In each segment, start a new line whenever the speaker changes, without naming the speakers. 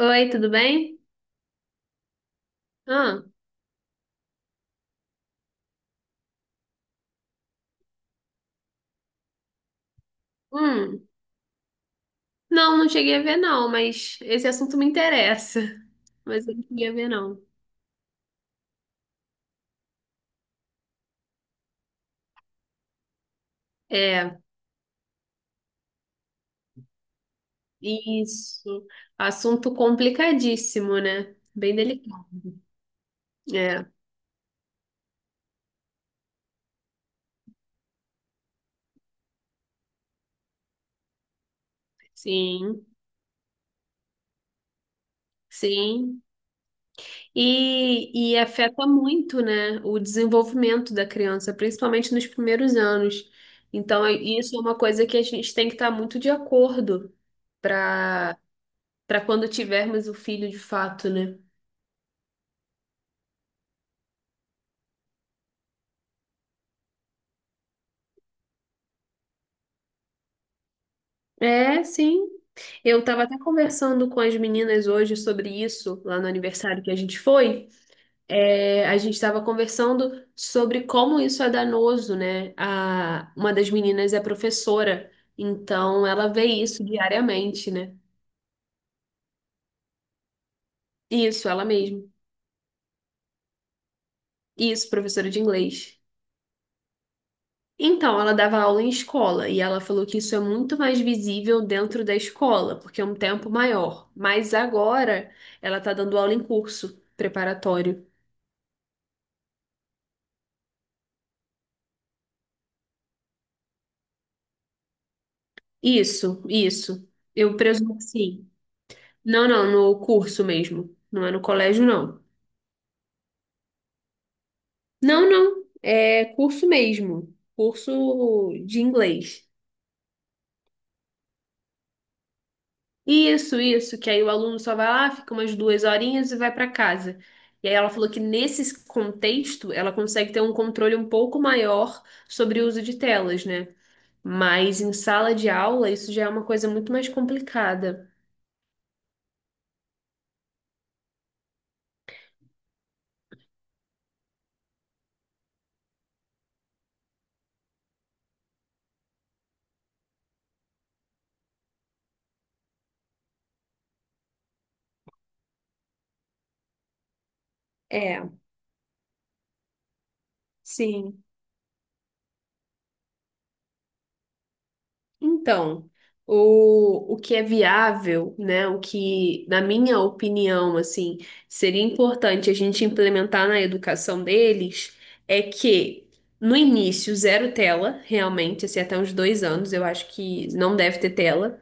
Oi, tudo bem? Ah, hum. Não, não cheguei a ver não, mas esse assunto me interessa. Mas eu não cheguei a ver não. É, isso. Assunto complicadíssimo, né? Bem delicado. É, sim, sim. E afeta muito, né, o desenvolvimento da criança, principalmente nos primeiros anos. Então, é, isso é uma coisa que a gente tem que estar muito de acordo para para quando tivermos o filho de fato, né? É, sim. Eu estava até conversando com as meninas hoje sobre isso, lá no aniversário que a gente foi. É, a gente estava conversando sobre como isso é danoso, né? Uma das meninas é professora, então ela vê isso diariamente, né? Isso, ela mesma. Isso, professora de inglês. Então, ela dava aula em escola e ela falou que isso é muito mais visível dentro da escola, porque é um tempo maior. Mas agora ela está dando aula em curso preparatório. Isso, isso. Eu presumo que sim. Não, não, no curso mesmo. Não é no colégio, não. Não, não. É curso mesmo. Curso de inglês. Isso, isso. Que aí o aluno só vai lá, fica umas duas horinhas e vai para casa. E aí ela falou que nesse contexto ela consegue ter um controle um pouco maior sobre o uso de telas, né? Mas em sala de aula isso já é uma coisa muito mais complicada. É, sim. Então, o que é viável, né? O que, na minha opinião, assim, seria importante a gente implementar na educação deles é que no início, zero tela, realmente, assim, até uns 2 anos, eu acho que não deve ter tela.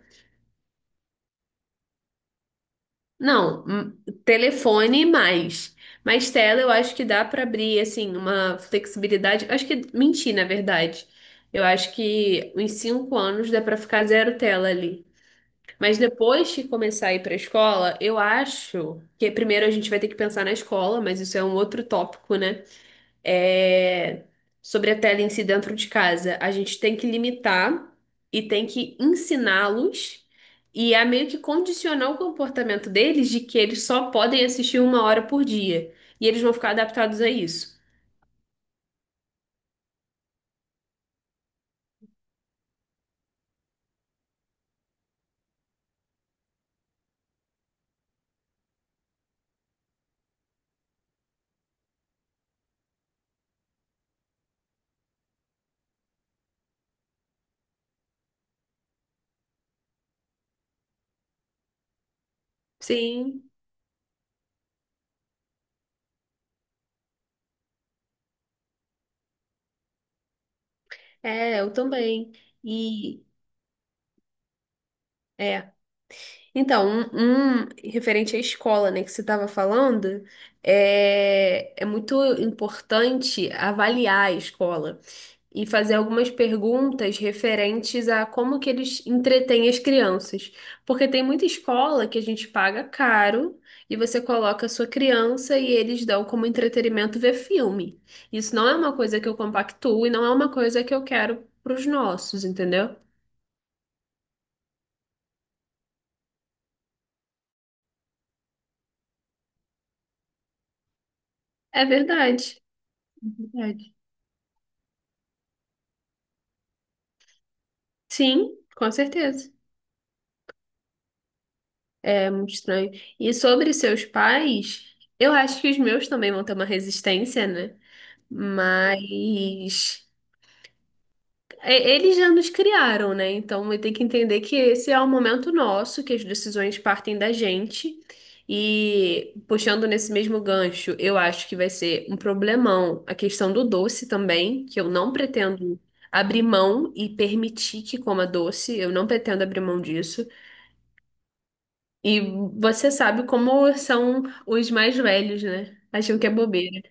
Não, telefone mais. Mas tela eu acho que dá para abrir, assim, uma flexibilidade. Acho que menti, na verdade. Eu acho que em 5 anos dá para ficar zero tela ali. Mas depois que começar a ir para a escola, eu acho que primeiro a gente vai ter que pensar na escola, mas isso é um outro tópico, né? É... Sobre a tela em si dentro de casa. A gente tem que limitar e tem que ensiná-los e a meio que condicionar o comportamento deles de que eles só podem assistir 1 hora por dia. E eles vão ficar adaptados a isso. Sim, eu também. E. é, Então, um referente à escola, né, que você estava falando, é, é muito importante avaliar a escola e fazer algumas perguntas referentes a como que eles entretêm as crianças. Porque tem muita escola que a gente paga caro e você coloca a sua criança e eles dão como entretenimento ver filme. Isso não é uma coisa que eu compactuo e não é uma coisa que eu quero para os nossos, entendeu? É verdade. Verdade. Sim, com certeza. Muito estranho. E sobre seus pais, eu acho que os meus também vão ter uma resistência, né? Mas é, eles já nos criaram, né? Então vai ter que entender que esse é o momento nosso, que as decisões partem da gente. E puxando nesse mesmo gancho, eu acho que vai ser um problemão a questão do doce também, que eu não pretendo abrir mão e permitir que coma doce, eu não pretendo abrir mão disso. E você sabe como são os mais velhos, né? Acham que é bobeira.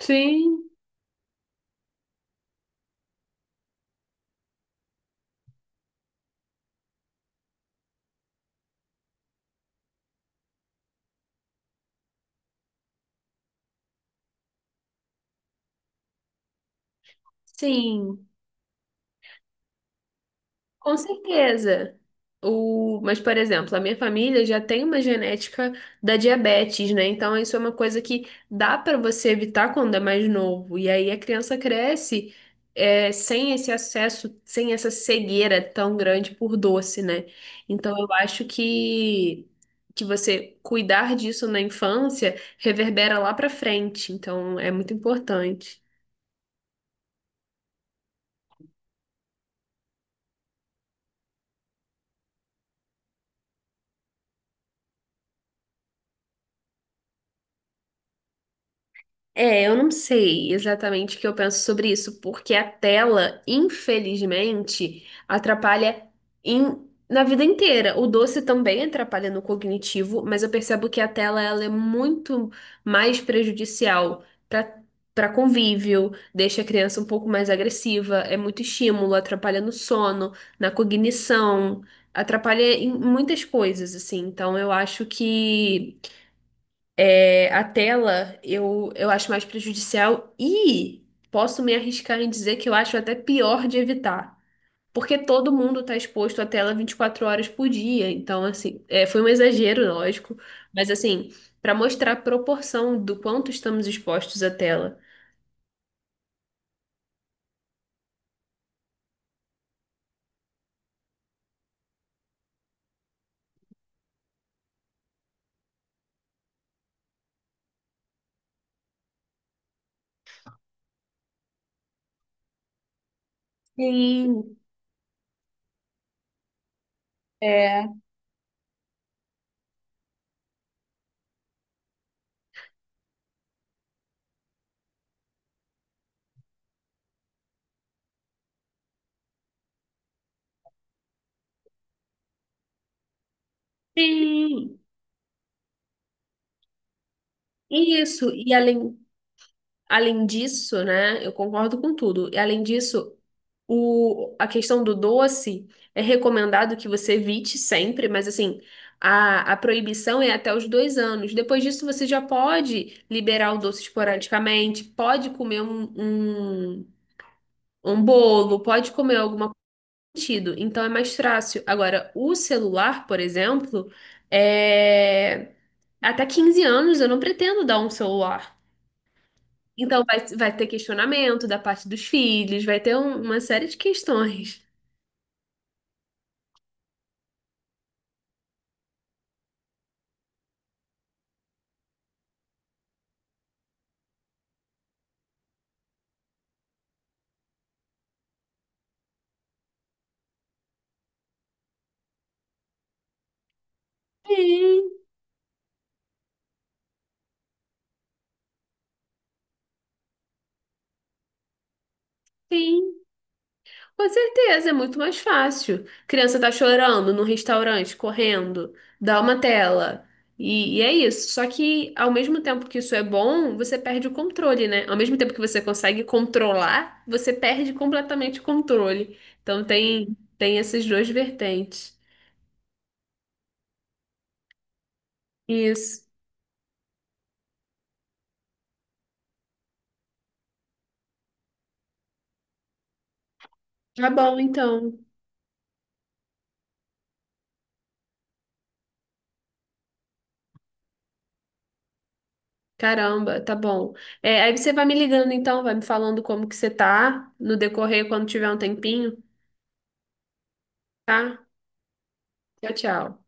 Sim, sim. Com certeza. Mas, por exemplo, a minha família já tem uma genética da diabetes, né? Então, isso é uma coisa que dá para você evitar quando é mais novo. E aí a criança cresce sem esse acesso, sem essa cegueira tão grande por doce, né? Então, eu acho que você cuidar disso na infância reverbera lá para frente. Então, é muito importante. É, eu não sei exatamente o que eu penso sobre isso, porque a tela, infelizmente, atrapalha na vida inteira. O doce também atrapalha no cognitivo, mas eu percebo que a tela ela é muito mais prejudicial para para convívio, deixa a criança um pouco mais agressiva, é muito estímulo, atrapalha no sono, na cognição, atrapalha em muitas coisas, assim. Então eu acho que a tela eu acho mais prejudicial e posso me arriscar em dizer que eu acho até pior de evitar. Porque todo mundo está exposto à tela 24 horas por dia. Então, assim, é, foi um exagero, lógico. Mas, assim, para mostrar a proporção do quanto estamos expostos à tela. Sim, é, sim. Isso. Além disso, né, eu concordo com tudo. E além disso, o, a questão do doce é recomendado que você evite sempre, mas assim, a proibição é até os 2 anos. Depois disso, você já pode liberar o doce esporadicamente, pode comer um, um bolo, pode comer alguma coisa nesse sentido. Então é mais fácil. Agora, o celular, por exemplo, é... até 15 anos eu não pretendo dar um celular. Então vai ter questionamento da parte dos filhos, vai ter uma série de questões. Sim, sim. Com certeza, é muito mais fácil. Criança tá chorando no restaurante, correndo, dá uma tela. E é isso. Só que ao mesmo tempo que isso é bom, você perde o controle, né? Ao mesmo tempo que você consegue controlar, você perde completamente o controle. Então tem essas duas vertentes. Isso. Tá bom, então. Caramba, tá bom. É, aí você vai me ligando então, vai me falando como que você tá no decorrer quando tiver um tempinho, tá? Tchau, tchau.